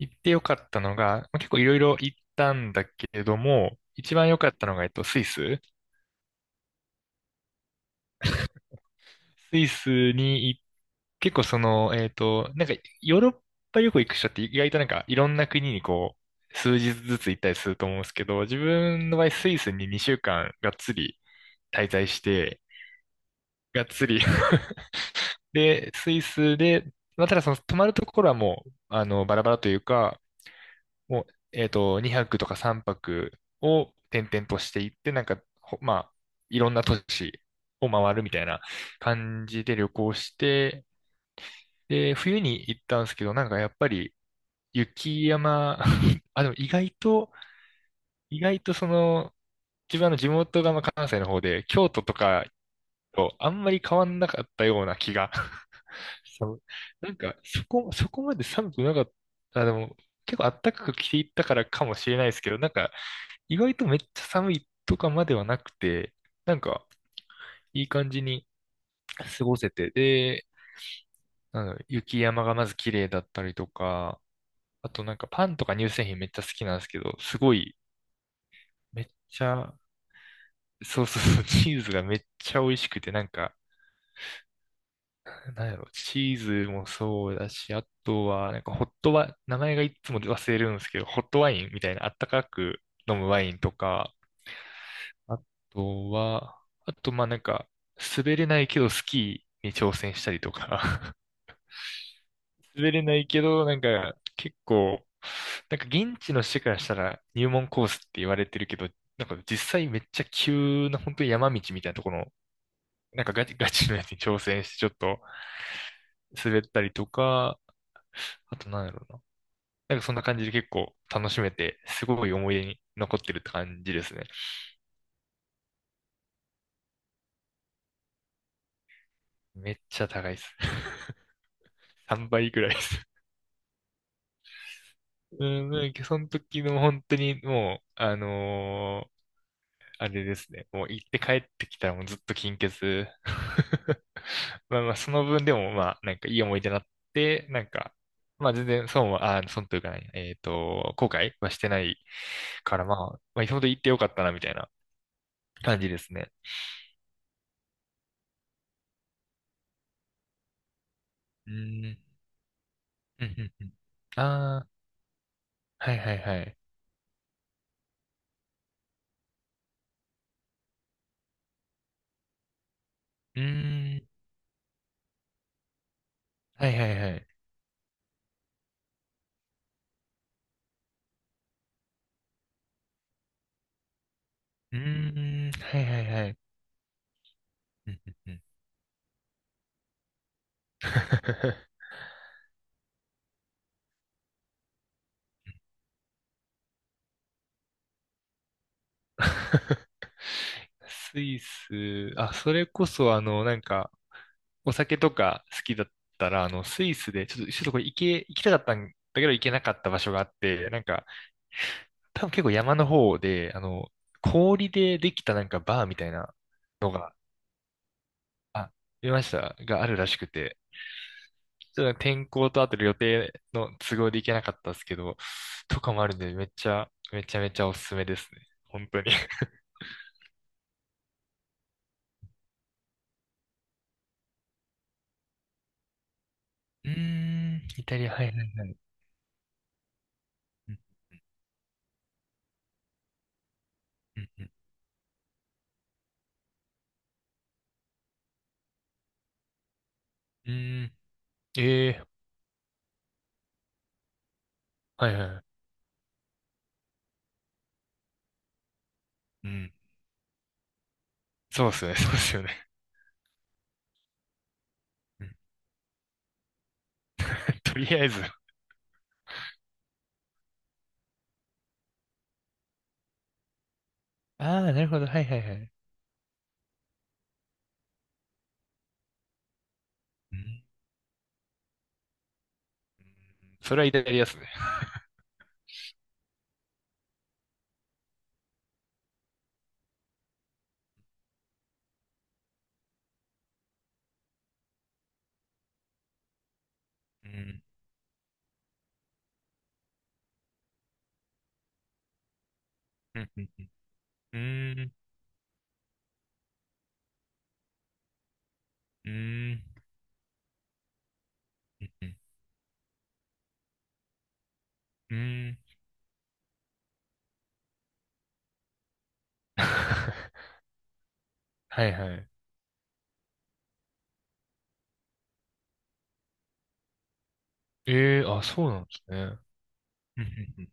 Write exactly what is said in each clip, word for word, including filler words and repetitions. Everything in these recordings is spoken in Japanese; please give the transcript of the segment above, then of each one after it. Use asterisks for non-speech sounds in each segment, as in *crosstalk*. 行ってよかったのが、まあ結構いろいろ行ったんだけれども、一番良かったのが、えっと、スイス。スイスに行っ結構その、えっと、なんか、ヨーロッパ旅行行く人って意外となんか、いろんな国にこう、数日ずつ行ったりすると思うんですけど、自分の場合、スイスににしゅうかんがっつり滞在して、がっつり *laughs* で、スイスで、まあ、ただその泊まるところはもう、あの、バラバラというか、もう、えっと、にはくとかさんぱくを転々としていって、なんか、ほまあ、いろんな都市を回るみたいな感じで旅行して、で、冬に行ったんですけど、なんかやっぱり雪山、*laughs* あ、でも意外と、意外とその、自分の地元がまあ関西の方で、京都とかとあんまり変わんなかったような気が。そうなんか、そこ、そこまで寒くなかった。あ、でも、結構暖かく着ていったからかもしれないですけど、なんか、意外とめっちゃ寒いとかまではなくて、なんかいい感じに過ごせて、で、なんだろう雪山がまず綺麗だったりとか、あとなんかパンとか乳製品めっちゃ好きなんですけど、すごいめっちゃ、そうそうそう、チーズがめっちゃ美味しくて、なんか、なんやろ、チーズもそうだし、あとは、なんかホットワ、名前がいつも忘れるんですけど、ホットワインみたいなあったかく飲むワインとか、あとは、あと、まあなんか、滑れないけどスキーに挑戦したりとか *laughs* 滑れないけど、なんか、結構、なんか現地の人からしたら入門コースって言われてるけど、なんか実際めっちゃ急な本当に山道みたいなところの、なんかガチ *laughs* ガチのやつに挑戦してちょっと滑ったりとか、あとなんだろうな。なんかそんな感じで結構楽しめて、すごい思い出に残ってるって感じですね。めっちゃ高いです。*laughs* さんばいくらいです。うん、なんかその時の本当にもう、あのーあれですね。もう行って帰ってきたらもうずっと金欠。*laughs* まあまあ、その分でもまあ、なんかいい思い出になって、なんか、まあ全然損は、あ、損というかね、えっと、後悔はしてないからまあ、まあ、今ほど行ってよかったなみたいな感じですね。うん。うんうんうん。ああ、はいはいはい。うーん。はいはいはい。うーん。はいはいはい。うんうんうん。*laughs* スイス、あ、それこそ、あの、なんか、お酒とか好きだったら、あの、スイスで、ちょっと、ちょっとこれ行け、行きたかったんだけど行けなかった場所があって、なんか、多分結構山の方で、あの、氷でできたなんかバーみたいなのが、あ、見ました、があるらしくて、ちょっと天候とあと予定の都合で行けなかったですけど、とかもあるんで、めっちゃ、めちゃめちゃおすすめですね。本当に。*laughs* うーん、イタリア、はいはいはい。うんうんうん。うーんええはいはいはい。うん。そうっすね、そうっすよね。うん *laughs* とりあえず。ああ、なるほど。はいはいはい。うん。それはイタリアっすね。うん。うん。うん。うん。うん。うん *laughs*。はいはい。ええあ、そうなんですね。うん。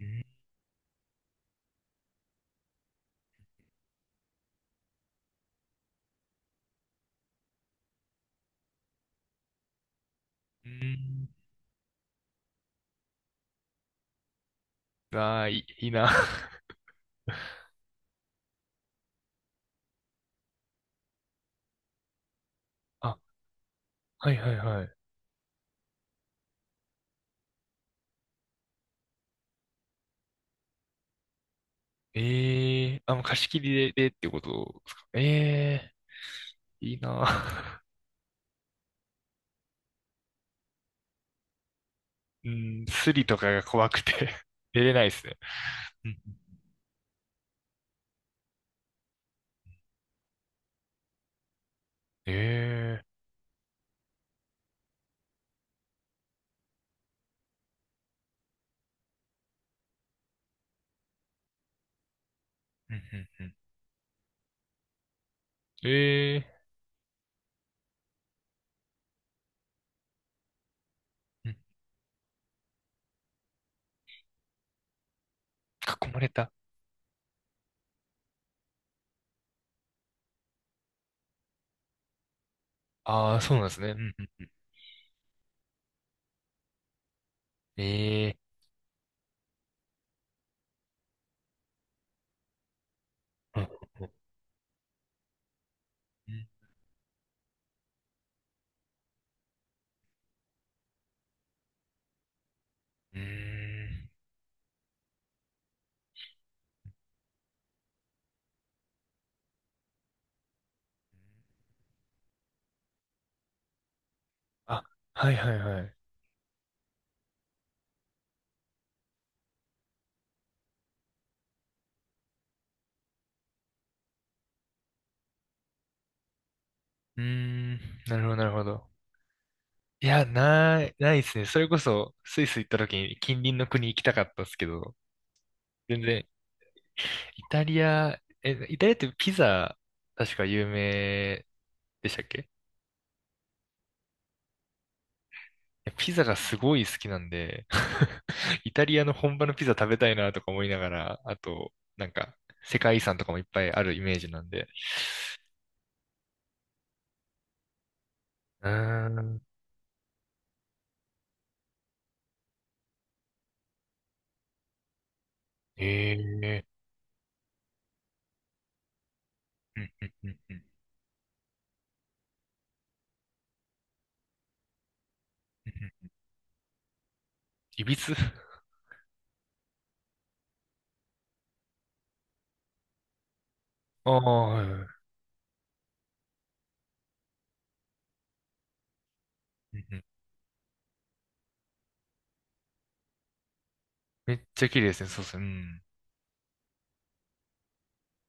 うんうんああ、いい、いいな。*laughs* あ、はいはいはい。ええあ、もう貸し切りで、でってことですか。ええいいな。*laughs* うん、スリとかが怖くて *laughs* 出れないですね。うんええうんうんうん。ええうん。囲まれた。ああ、そうなんですね。うんうん。ええうんうんうん。うーんあ、はいはいはい。うーん。なるほどなるほど。いや、ない、ないですね。それこそ、スイス行った時に近隣の国行きたかったですけど、全然、イタリア、え、イタリアってピザ、確か有名でしたっけ？いやピザがすごい好きなんで、*laughs* イタリアの本場のピザ食べたいなとか思いながら、あと、なんか、世界遺産とかもいっぱいあるイメージなんで。うーん。ええー。うんうんうんうんうんうんいびつあ *laughs* あー、はいはいうんうんめっちゃ綺麗ですね。そうですね。うん。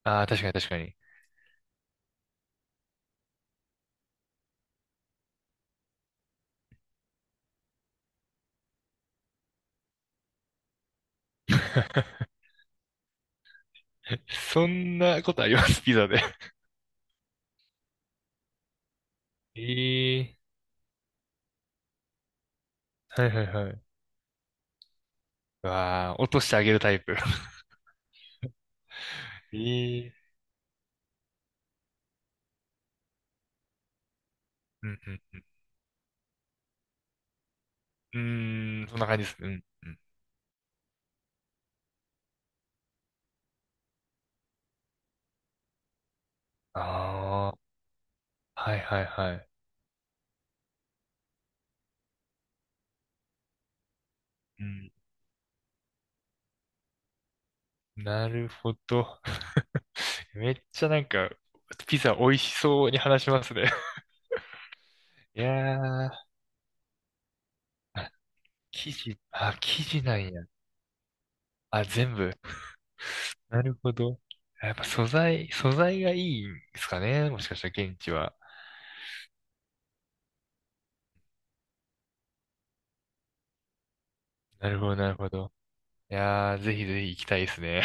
ああ、確かに確かに。*laughs* そんなことあります、ピザで。*laughs* ええー。はいはいはい。うわあ、落としてあげるタイプ。*laughs* ええー。うんうんうん。うーん、そんな感じですね。うんうん。ああ。はいはいはい。うん。なるほど。*laughs* めっちゃなんか、ピザ美味しそうに話しますね。*laughs* いやー、あ生地、あ、生地なんや。あ、全部。なるほど。やっぱ素材、素材がいいんですかね。もしかしたら現地は。なるほど、なるほど。いやー、ぜひぜひ行きたいですね。